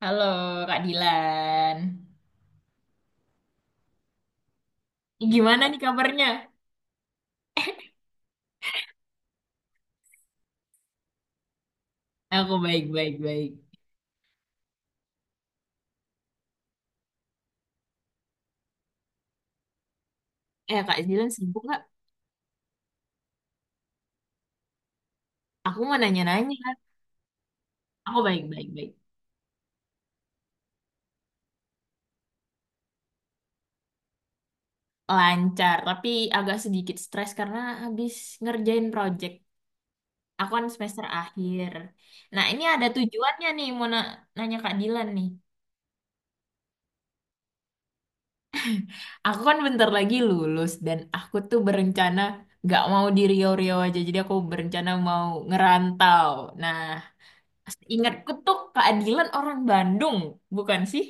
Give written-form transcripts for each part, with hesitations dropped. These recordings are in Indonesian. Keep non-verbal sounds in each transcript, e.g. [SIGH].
Halo Kak Dilan. Gimana nih kabarnya? Aku baik-baik baik. Baik. Eh Kak Dilan sibuk nggak? Aku mau nanya-nanya. Aku baik-baik baik. Baik, baik. Lancar, tapi agak sedikit stres karena habis ngerjain project. Aku kan semester akhir. Nah ini ada tujuannya nih mau nanya Kak Dilan nih. Aku kan bentar lagi lulus dan aku tuh berencana nggak mau di Riau-Riau aja. Jadi aku berencana mau ngerantau. Nah, ingatku tuh keadilan orang Bandung, bukan sih?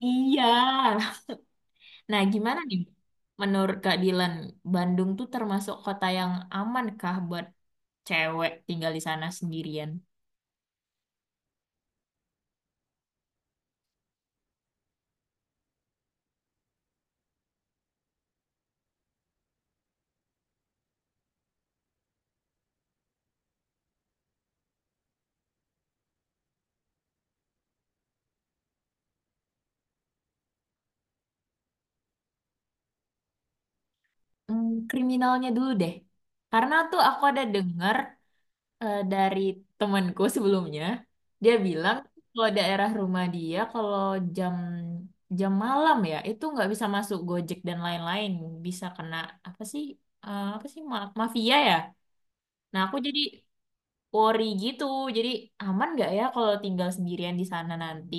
Iya. Nah, gimana nih? Menurut keadilan Bandung tuh termasuk kota yang aman kah buat cewek tinggal di sana sendirian? Hmm, kriminalnya dulu deh. Karena tuh aku ada dengar dari temanku sebelumnya dia bilang kalau daerah rumah dia kalau jam jam malam ya itu nggak bisa masuk Gojek dan lain-lain bisa kena apa sih, apa sih mafia ya, nah aku jadi worry gitu, jadi aman nggak ya kalau tinggal sendirian di sana nanti.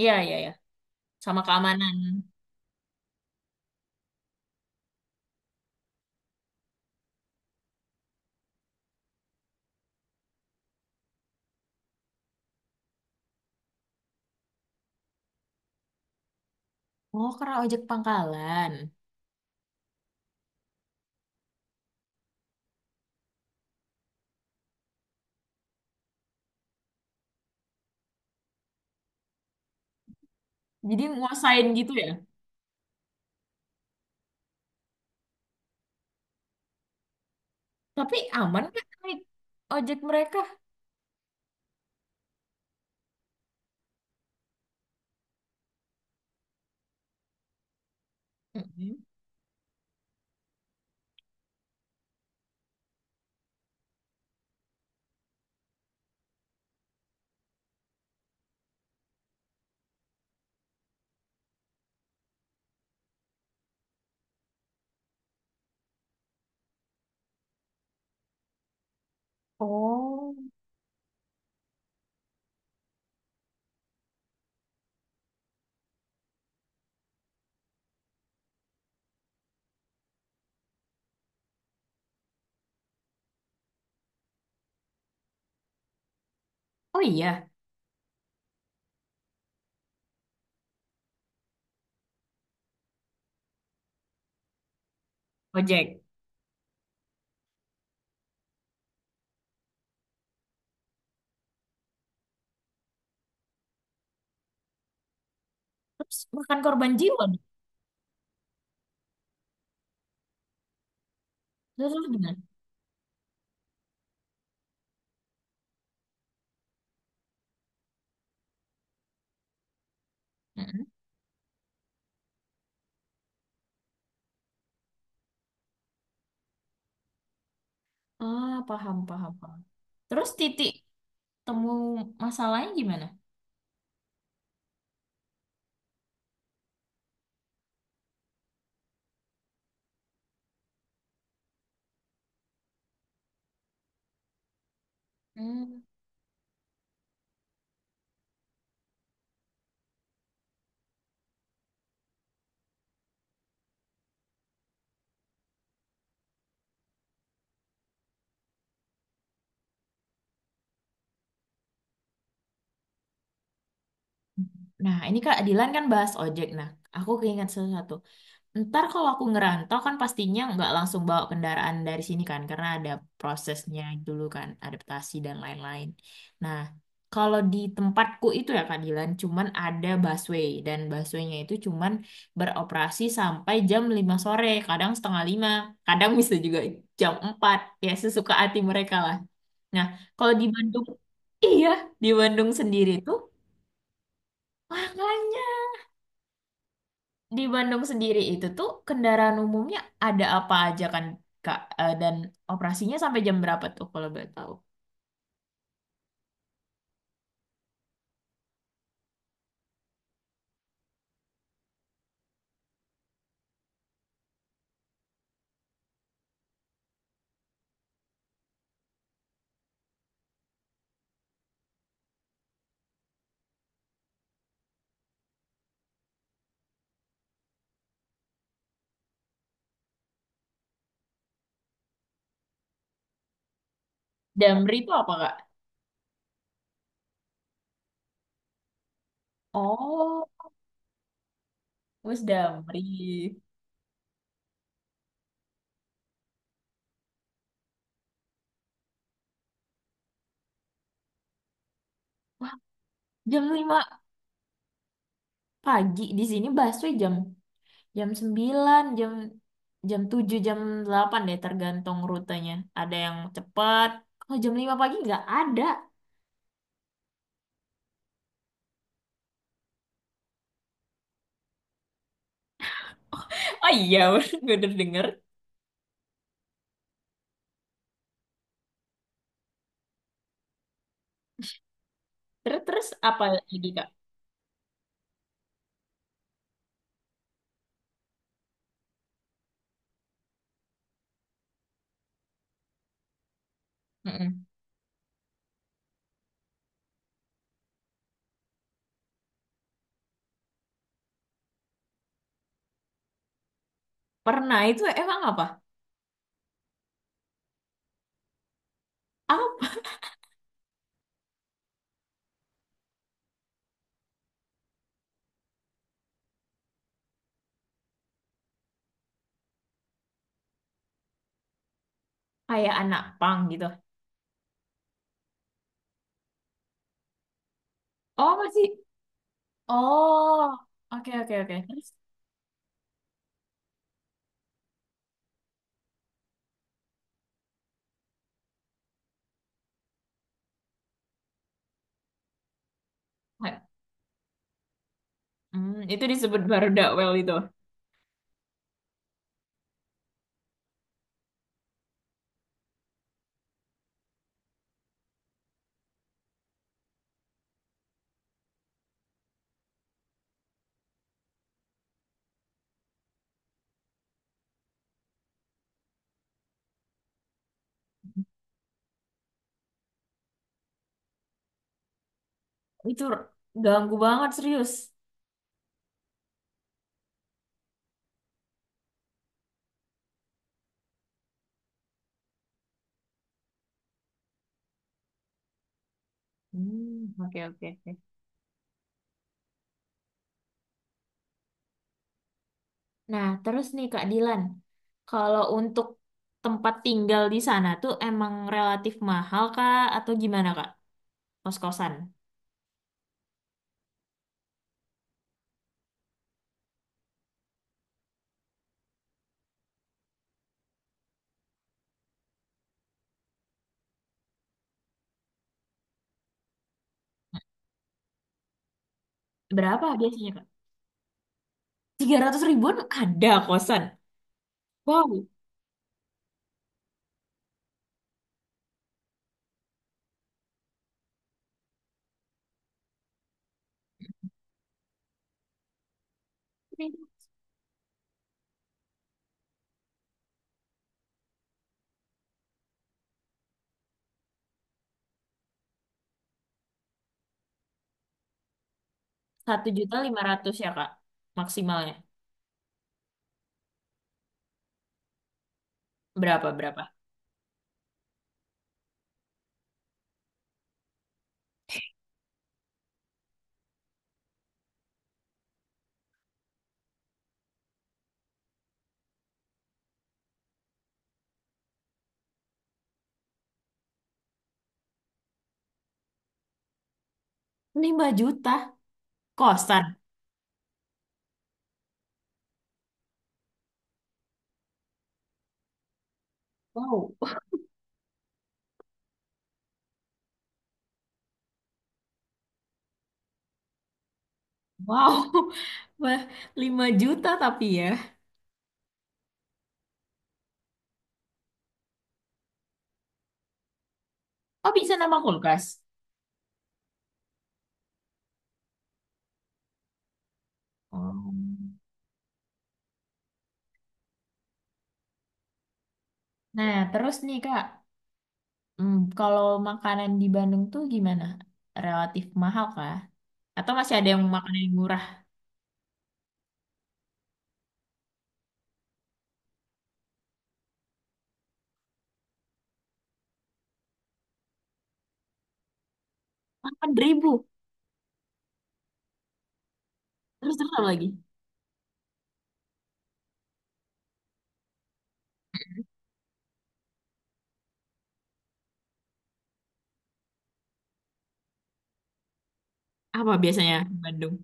Iya, iya ya, sama keamanan. Oh karena ojek pangkalan jadi nguasain gitu ya. Tapi aman nggak naik ojek mereka? Mm-mm. Oh, oh iya. Ojek. Terus bukan korban jiwa dong. Terus, terus gimana? Mm-mm. Ah, paham, paham, paham. Terus titik temu masalahnya gimana? Hmm. Nah, ini Kak Dilan kan bahas ojek. Nah, aku keinget sesuatu. Ntar kalau aku ngerantau kan pastinya nggak langsung bawa kendaraan dari sini kan, karena ada prosesnya dulu kan, adaptasi dan lain-lain. Nah, kalau di tempatku itu ya Kak Dilan, cuman ada busway dan busway-nya itu cuman beroperasi sampai jam 5 sore, kadang setengah lima, kadang bisa juga jam 4, ya sesuka hati mereka lah. Nah, kalau di Bandung, iya di Bandung sendiri tuh, makanya di Bandung sendiri itu tuh kendaraan umumnya ada apa aja kan, Kak? Eh, dan operasinya sampai jam berapa tuh kalau boleh tahu? Damri itu apa, Kak? Oh, bus Damri. Jam 5 pagi di sini busway jam jam sembilan, jam jam tujuh, jam 8 deh tergantung rutenya. Ada yang cepat. Kalau jam 5 pagi nggak ada. Oh iya, [LAUGHS] gue udah denger. Terus, terus apa lagi, Kak? Mm-mm. Pernah itu emang apa? Apa? Kayak anak pang gitu. Oh masih. Oh, oke oke oke. Terus, hmm, itu disebut Barudawel itu. Itu ganggu banget serius. Hmm, oke oke oke. Nah terus nih Kak Dilan, kalau untuk tempat tinggal di sana tuh emang relatif mahal Kak atau gimana Kak? Kos-kosan. Berapa biasanya Kak? Tiga ratus ribuan ada kosan. Wow. Satu juta lima ratus ya Kak maksimalnya. Berapa berapa? 5 juta kosan. Wow. Wow, [LAUGHS] wah 5 juta tapi ya. Oh, bisa nama kulkas. Oh. Nah, terus nih Kak, hmm, kalau makanan di Bandung tuh gimana? Relatif mahal kah? Atau masih ada yang makanan yang murah? 8.000. Terus terus apa lagi? Apa biasanya di Bandung?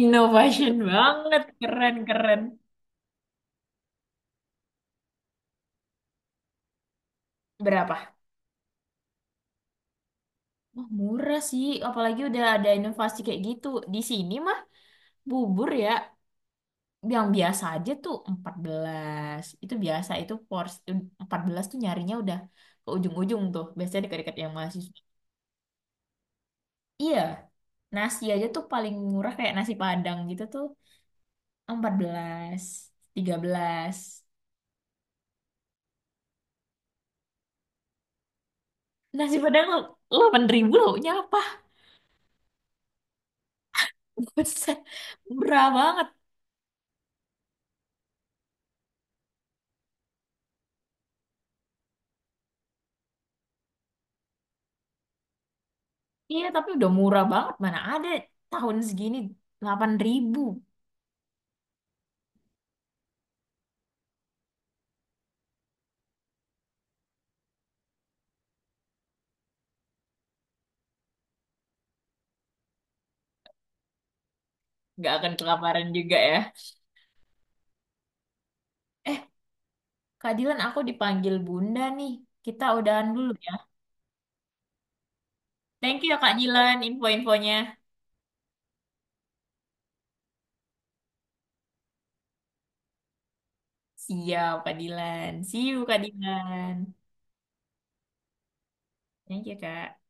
Innovation banget, keren-keren. Berapa? Wah, murah sih, apalagi udah ada inovasi kayak gitu. Di sini mah bubur ya, yang biasa aja tuh 14. Itu biasa itu porsi 14 tuh nyarinya udah ke ujung-ujung tuh. Biasanya dekat-dekat yang mahasiswa. Iya, nasi aja tuh paling murah kayak nasi Padang gitu tuh 14, 13. Nasi Padang 8.000 lauknya apa? [LAUGHS] Buset, murah banget. Iya, tapi udah murah banget. Mana ada tahun segini 8.000. Nggak akan kelaparan juga ya. Eh, keadilan aku dipanggil Bunda nih. Kita udahan dulu. Thank you ya Kak Dilan info-infonya. Siap Kak Dilan. See you Kak Dilan. Thank you Kak.